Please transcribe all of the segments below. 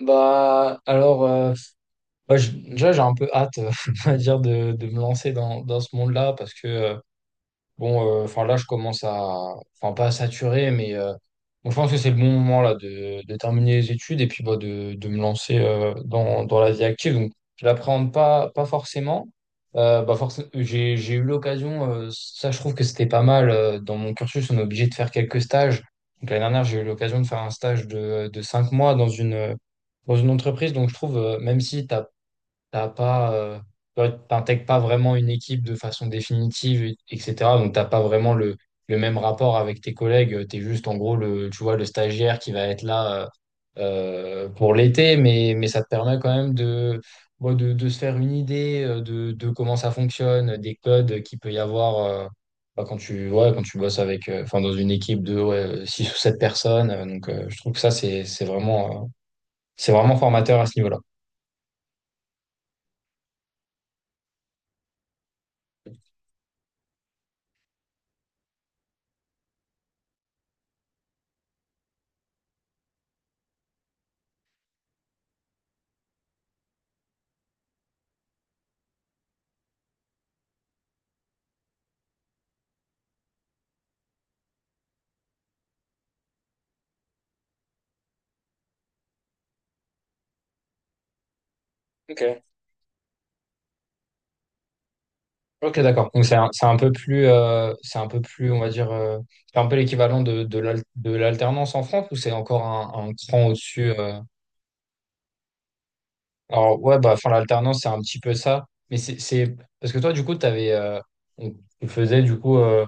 Bah alors bah, déjà j'ai un peu hâte on va dire de me lancer dans ce monde-là parce que bon, enfin là, je commence enfin pas à saturer, mais bon, je pense que c'est le bon moment là de terminer les études et puis bah, de me lancer dans la vie active. Donc, je l'appréhende pas, pas forcément. Bah, j'ai eu l'occasion, ça je trouve que c'était pas mal. Dans mon cursus, on est obligé de faire quelques stages. Donc l'année dernière, j'ai eu l'occasion de faire un stage de 5 mois dans une entreprise. Donc je trouve, même si tu t'as pas, ouais, t'intègres pas vraiment une équipe de façon définitive, etc. Donc, t'as pas vraiment le même rapport avec tes collègues. T'es juste, en gros, le, tu vois, le stagiaire qui va être là pour l'été, mais ça te permet quand même de se faire une idée de comment ça fonctionne, des codes qu'il peut y avoir bah, quand tu bosses avec, enfin, dans une équipe de 6 ou 7 personnes. Donc, je trouve que ça, c'est vraiment formateur à ce niveau-là. Ok. Ok, d'accord. Donc c'est un peu plus, on va dire, c'est un peu l'équivalent de l'alternance en France ou c'est encore un cran au-dessus. Alors ouais, bah, enfin l'alternance c'est un petit peu ça, mais parce que toi du coup t'avais, on- tu faisais du coup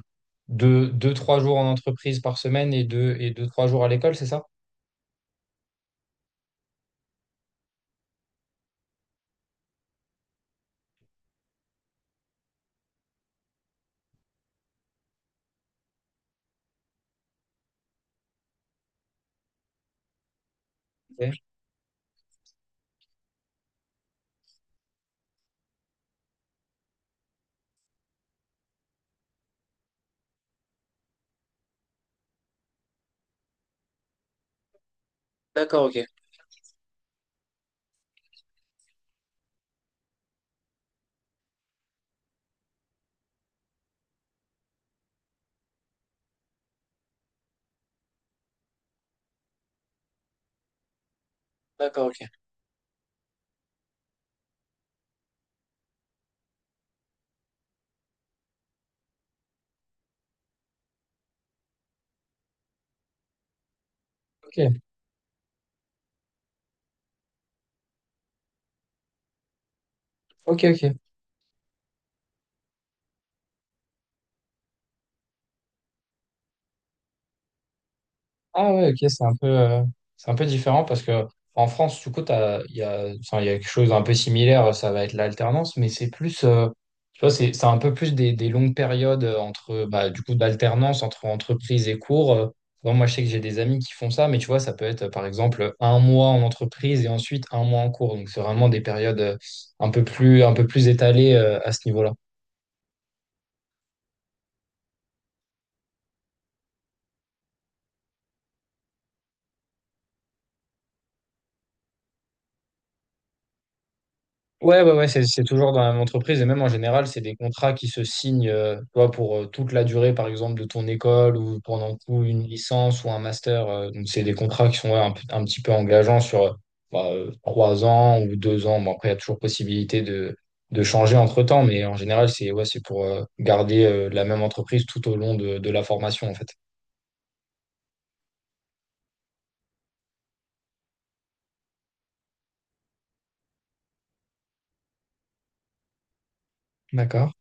deux, trois jours en entreprise par semaine et deux, trois jours à l'école, c'est ça? Ok. D'accord, ok. Ok, ok, ok. Ah ouais, ok, c'est un peu différent parce que en France, du coup, enfin, il y a quelque chose d'un peu similaire, ça va être l'alternance, mais c'est plus, tu vois, c'est un peu plus des longues périodes entre, bah, du coup, d'alternance entre entreprise et cours. Bon, moi, je sais que j'ai des amis qui font ça, mais tu vois, ça peut être, par exemple, un mois en entreprise et ensuite un mois en cours. Donc, c'est vraiment des périodes un peu plus étalées, à ce niveau-là. Ouais, ouais, ouais, c'est toujours dans la même entreprise et même en général, c'est des contrats qui se signent tu vois, pour toute la durée, par exemple, de ton école ou pendant tout une licence ou un master. Donc, c'est des contrats qui sont ouais, un petit peu engageants sur 3 ans ou 2 ans. Bon, après, il y a toujours possibilité de changer entre-temps, mais en général, c'est ouais, c'est pour garder la même entreprise tout au long de la formation, en fait. D'accord.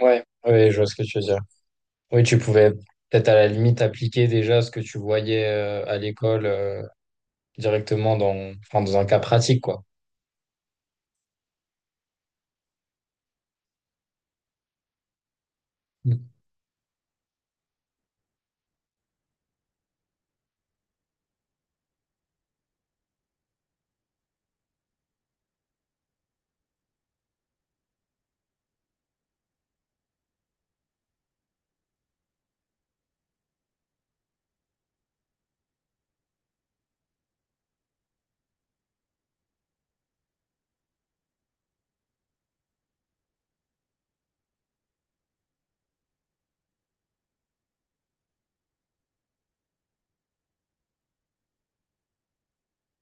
Ouais, ouais, je vois ce que tu veux dire. Oui, tu pouvais peut-être à la limite appliquer déjà ce que tu voyais à l'école. Directement enfin, dans un cas pratique, quoi. Mm.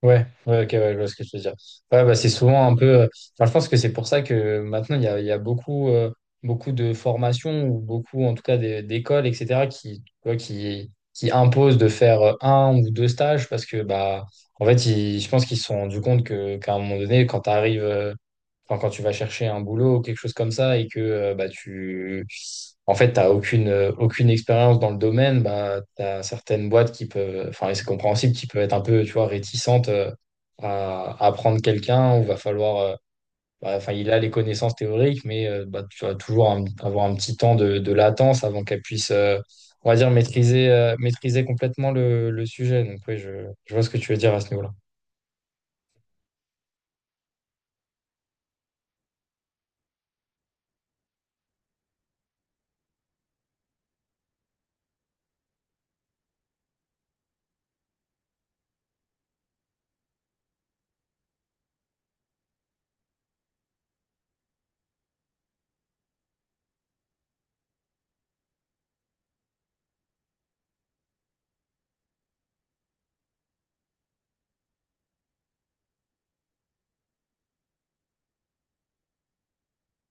Ouais, ouais, ok, ouais, je vois ce que tu veux dire. Ouais, bah, c'est souvent un peu. Enfin, je pense que c'est pour ça que maintenant, il y a beaucoup, beaucoup de formations ou beaucoup, en tout cas, d'écoles, etc., qui, tu vois, qui imposent de faire un ou deux stages parce que, bah, en fait, je pense qu'ils se sont rendus compte que, qu'à un moment donné, quand tu arrives. Enfin, quand tu vas chercher un boulot ou quelque chose comme ça et que bah, en fait, tu n'as aucune, aucune expérience dans le domaine, bah, tu as certaines boîtes qui peuvent, enfin, et c'est compréhensible, qui peuvent être un peu, tu vois, réticentes à prendre quelqu'un où va falloir, bah, enfin, il a les connaissances théoriques, mais bah, tu vas toujours avoir un petit temps de latence avant qu'elle puisse, on va dire, maîtriser complètement le sujet. Donc, oui, je vois ce que tu veux dire à ce niveau-là.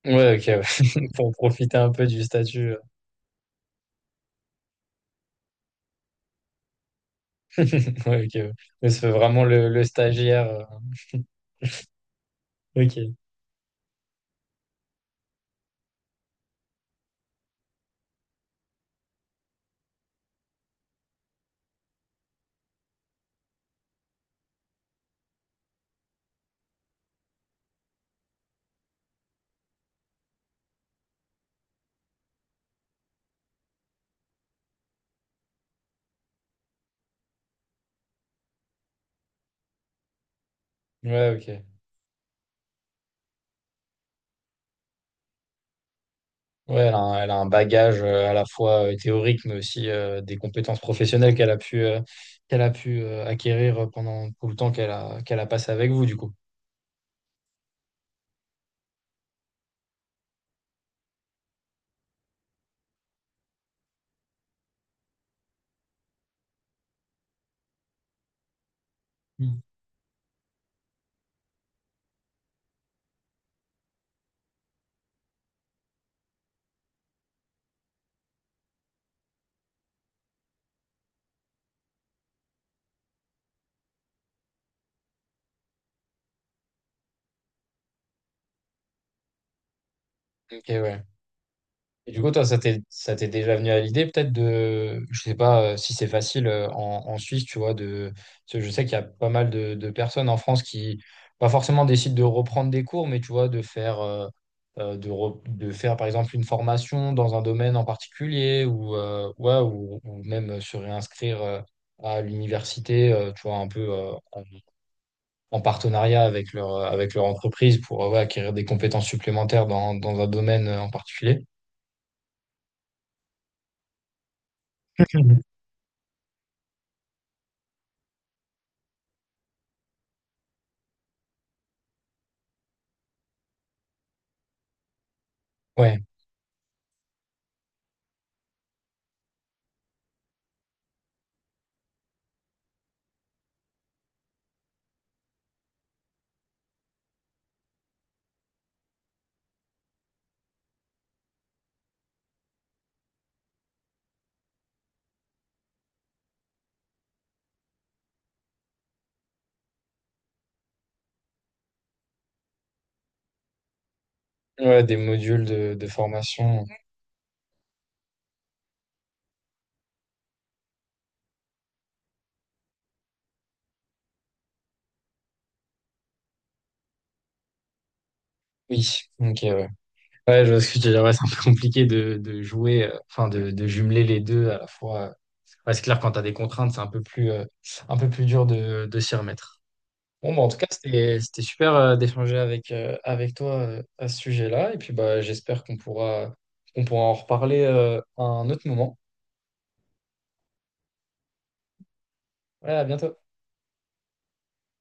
Ouais, ok, ouais. Pour profiter un peu du statut. Ouais, ok. Ouais. Mais c'est vraiment le stagiaire. Ok. Ouais, ok. Ouais, elle a un bagage à la fois théorique, mais aussi des compétences professionnelles qu'elle a pu acquérir pendant tout le temps qu'elle a passé avec vous, du coup. Mm. Ok, ouais. Et du coup, toi, ça t'est déjà venu à l'idée peut-être de, je sais pas si c'est facile en Suisse, tu vois, de, parce que je sais qu'il y a pas mal de personnes en France qui, pas forcément décident de reprendre des cours, mais tu vois, de faire par exemple une formation dans un domaine en particulier ou, ouais, ou même se réinscrire à l'université, tu vois, un peu en partenariat avec avec leur entreprise pour ouais, acquérir des compétences supplémentaires dans un domaine en particulier. Mhm. Ouais. Ouais, des modules de formation. Oui, ok, ouais. Ouais, je vois ce que tu veux dire. Ouais, c'est un peu compliqué de jouer, enfin, de jumeler les deux à la fois. Ouais, c'est clair, quand t'as des contraintes, c'est un peu plus dur de s'y remettre. Bon, bah, en tout cas, c'était super, d'échanger avec toi, à ce sujet-là. Et puis, bah, j'espère qu'on pourra en reparler, à un autre moment. Ouais, à bientôt.